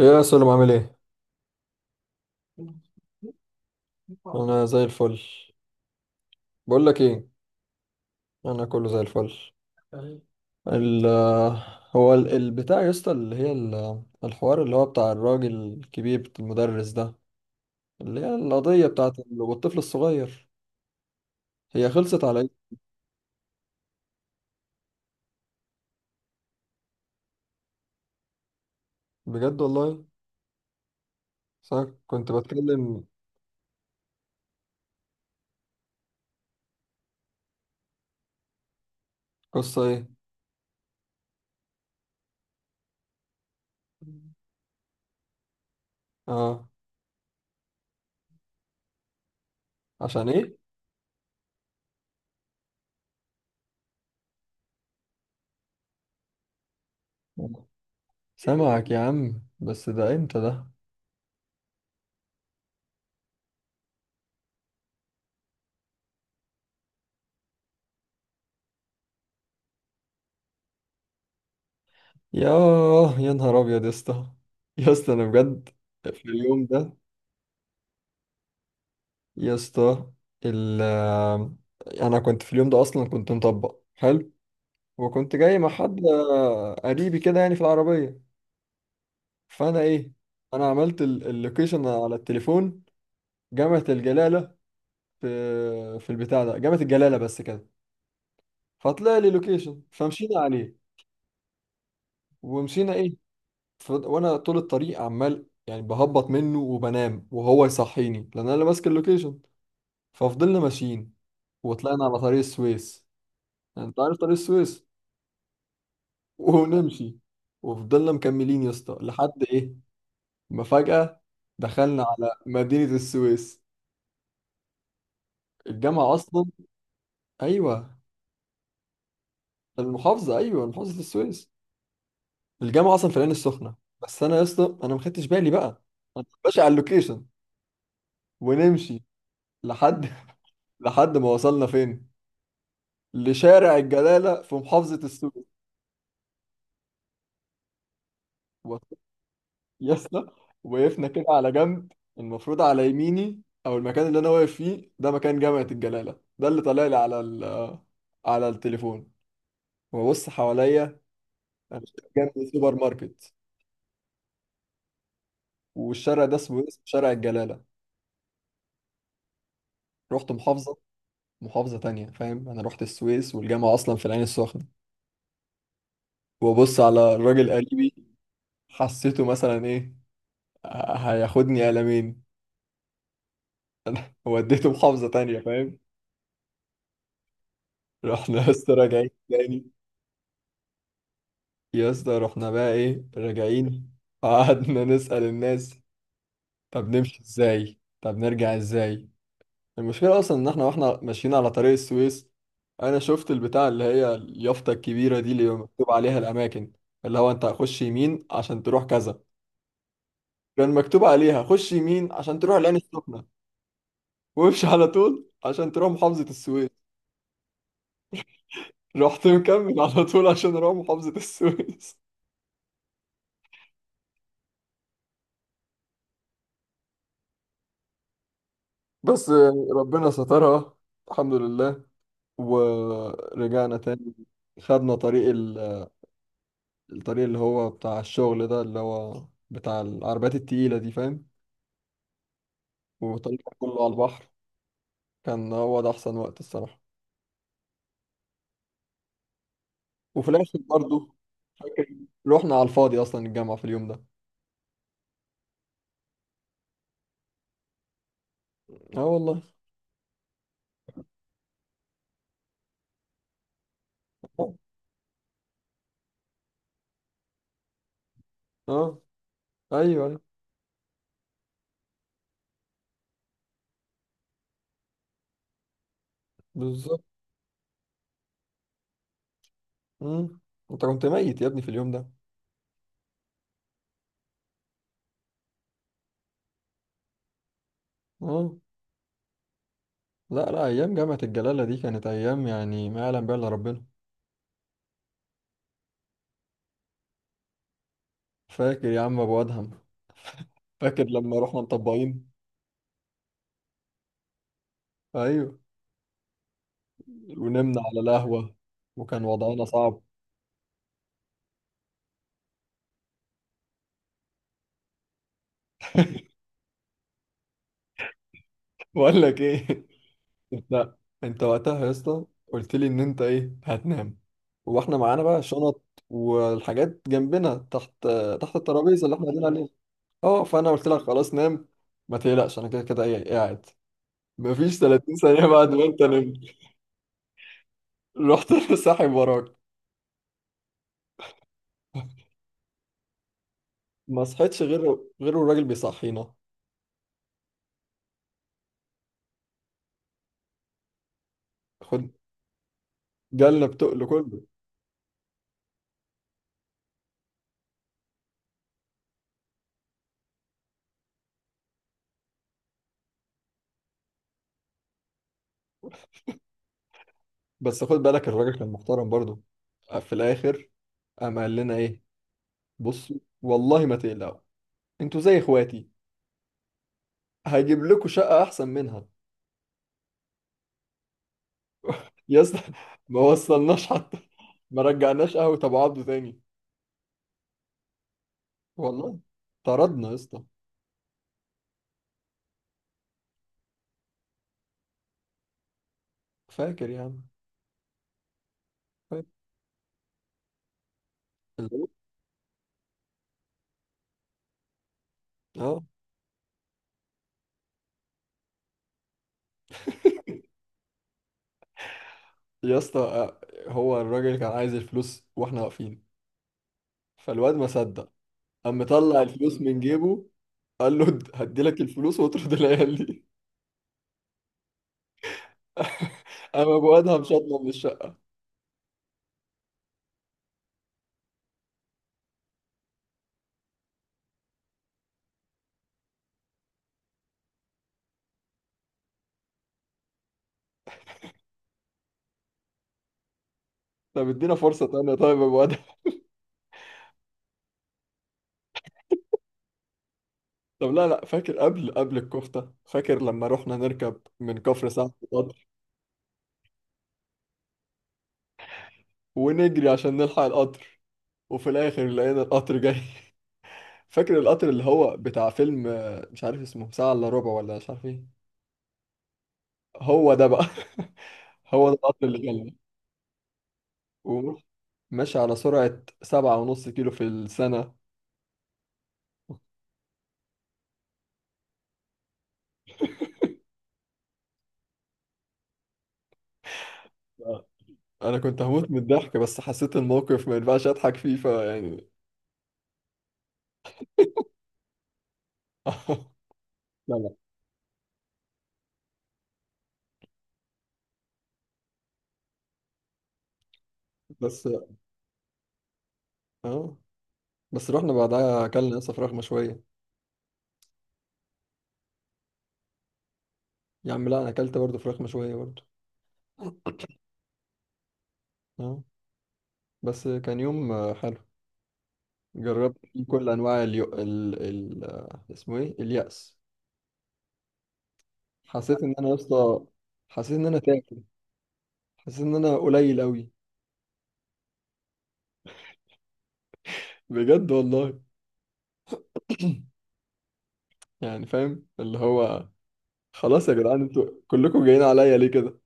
ايه يا سلام، عامل ايه؟ الحمد، انا زي الفل. بقول لك ايه، انا كله زي الفل. ال هو البتاع يا اسطى، اللي هي الحوار اللي هو بتاع الراجل الكبير المدرس ده، اللي هي القضية بتاعت والطفل الصغير. هي خلصت على ايه؟ بجد والله. بس أنا كنت بتكلم. قصة ايه؟ اه، عشان ايه؟ سامعك يا عم، بس ده امتى ده؟ ياه يا نهار ابيض يا اسطى، يا اسطى انا بجد. في اليوم ده، يا اسطى، ال انا كنت في اليوم ده اصلا كنت مطبق حلو، وكنت جاي مع حد قريبي كده يعني في العربيه. فانا ايه؟ انا عملت اللوكيشن على التليفون، جامعه الجلاله، في في البتاع ده جامعه الجلاله بس كده. فطلع لي لوكيشن، فمشينا عليه ومشينا ايه. وانا طول الطريق عمال يعني بهبط منه وبنام، وهو يصحيني لان انا اللي ماسك اللوكيشن. ففضلنا ماشيين وطلعنا على طريق السويس. يعني انت عارف طريق السويس، ونمشي. وفضلنا مكملين يا اسطى لحد ايه، ما فجأة دخلنا على مدينة السويس. الجامعة أصلا، أيوة المحافظة، أيوة محافظة السويس، الجامعة أصلا في العين السخنة. بس أنا يا اسطى أنا ما خدتش بالي بقى، أنا ماشي على اللوكيشن ونمشي، لحد لحد ما وصلنا فين، لشارع الجلالة في محافظة السويس. يا اسطى وقفنا كده على جنب. المفروض على يميني او المكان اللي انا واقف فيه ده مكان جامعة الجلالة، ده اللي طالع لي على على التليفون. وببص حواليا، أنا جنبي سوبر ماركت، والشارع ده اسمه إيه؟ اسمه شارع الجلالة. رحت محافظة، محافظة تانية، فاهم، انا رحت السويس والجامعة اصلا في العين السخنة. وببص على الراجل قريبي، حسيته مثلا ايه، هياخدني قلمين. وديته محافظة تانية، فاهم. رحنا بس راجعين تاني، يا اسطى رحنا بقى ايه راجعين. قعدنا نسأل الناس، طب نمشي ازاي، طب نرجع ازاي. المشكلة اصلا ان احنا واحنا ماشيين على طريق السويس، انا شفت البتاع اللي هي اليافطة الكبيرة دي اللي مكتوب عليها الاماكن، اللي هو انت هتخش يمين عشان تروح كذا. كان مكتوب عليها خش يمين عشان تروح العين السخنة، وامشي على طول عشان تروح محافظة السويس. رحت مكمل على طول عشان اروح محافظة السويس. بس يعني ربنا سترها، الحمد لله، ورجعنا تاني. خدنا طريق الطريق اللي هو بتاع الشغل ده، اللي هو بتاع العربيات التقيلة دي، فاهم. والطريق كان كله على البحر، كان هو ده أحسن وقت الصراحة. وفي الآخر برضه، فاكر رحنا على الفاضي أصلا الجامعة في اليوم ده. اه والله. اه. آه، أيوه أيوه بالظبط. مم. أنت كنت ميت يا ابني في اليوم ده. اه. لا لا، أيام جامعة الجلالة دي كانت أيام يعني ما يعلم بها إلا ربنا. فاكر يا عم أبو أدهم؟ فاكر لما رحنا مطبقين، ايوه، ونمنا على القهوة، وكان وضعنا صعب. بقول لك ايه. انت انت وقتها يا اسطى قلت لي ان انت ايه هتنام، واحنا معانا بقى شنط والحاجات جنبنا تحت، تحت الترابيزة اللي احنا قاعدين عليها. اه فانا قلت لك خلاص نام، ما تقلقش، انا كده كده ايه إيه قاعد. مفيش 30 ثانية بعد ما انت نمت رحت ساحب وراك. ما صحيتش غير، الراجل بيصحينا. خد، جالنا بتقل كله. بس خد بالك الراجل كان محترم برضه، في الاخر قام قال لنا ايه، بص والله ما تقلقوا، انتوا زي اخواتي، هجيب لكم شقة احسن منها. يا اسطى ما وصلناش حتى، ما رجعناش قهوة ابو عبده تاني. والله طردنا يا اسطى. فاكر يعني، فاكر الواد- اه يا اسطى، هو الراجل كان عايز الفلوس واحنا واقفين، فالواد ما صدق، قام مطلع الفلوس من جيبه، قال له هديلك الفلوس واطرد العيال دي. قام ابو ادهم شطنا من الشقة. طب ادينا فرصة تانية طيب يا ابو. طب لا لا، فاكر قبل الكفتة، فاكر لما رحنا نركب من كفر سعد القطر، ونجري عشان نلحق القطر. وفي الآخر لقينا القطر جاي. فاكر القطر اللي هو بتاع فيلم مش عارف اسمه، ساعة إلا ربع ولا مش عارف ايه. هو ده بقى. هو ده القطر اللي جالنا، وماشي على سرعة سبعة ونص كيلو في السنة. أنا كنت هموت من الضحك، بس حسيت الموقف ما ينفعش أضحك فيه فيعني. لا لا. بس اه، بس رحنا بعدها أكلنا لسه فراخ مشوية. يا عم لا، انا اكلت برضه فراخ مشوية برضه. اه، بس كان يوم حلو. جربت فيه كل انواع اليو... ال... ال... آه، اسمه ايه، اليأس. حسيت ان انا يا اسطى، حسيت ان انا تاكل، حسيت ان انا قليل قوي، بجد والله. يعني فاهم اللي هو، خلاص يا جدعان انتوا كلكم جايين عليا ليه كده،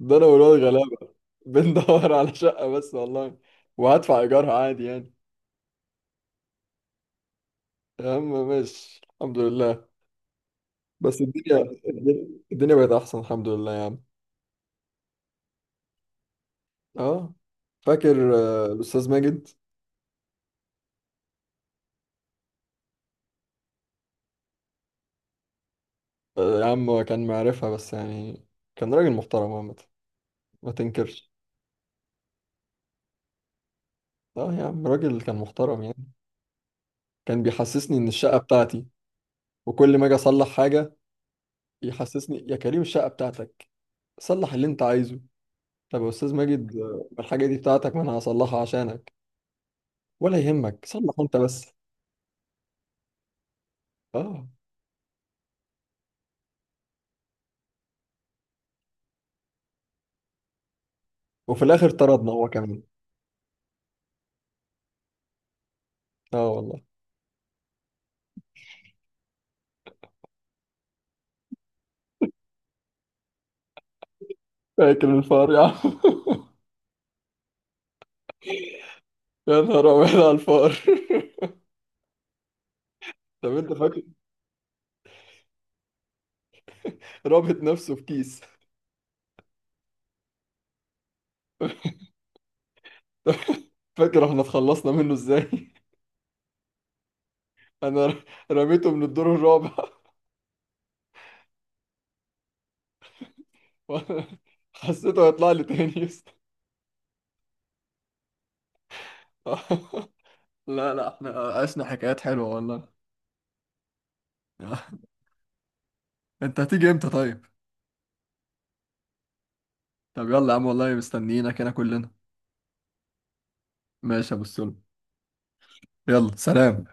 ده انا والواد غلابة بندور على شقة بس والله، وهدفع ايجارها عادي يعني. يا عم ماشي الحمد لله. بس الدنيا، الدنيا بقت احسن، الحمد لله يا عم. اه، فاكر الأستاذ ماجد. يا عم هو كان معرفها بس يعني كان راجل محترم عامة، ما تنكرش. اه يا عم راجل كان محترم يعني، كان بيحسسني إن الشقة بتاعتي، وكل ما أجي أصلح حاجة يحسسني يا كريم الشقة بتاعتك، صلح اللي أنت عايزه. طب يا أستاذ ماجد الحاجة دي بتاعتك، ما أنا هصلحها عشانك، ولا يهمك، صلح أنت بس. اه. وفي الآخر طردنا هو كمان. اه والله. فاكر الفار يا عم. يا نهار أبيض على الفار. طب أنت فاكر، رابط نفسه في كيس. فاكر احنا اتخلصنا منه ازاي؟ انا ر- رميته من الدور الرابع. وأنا حسيته هيطلع لي تاني يا اسطى. لا لا، احنا عشنا حكايات حلوة والله. انت هتيجي امتى طيب؟ طب يلا يا عم، والله مستنيينك هنا كلنا. ماشي يا ابو السلم، يلا سلام.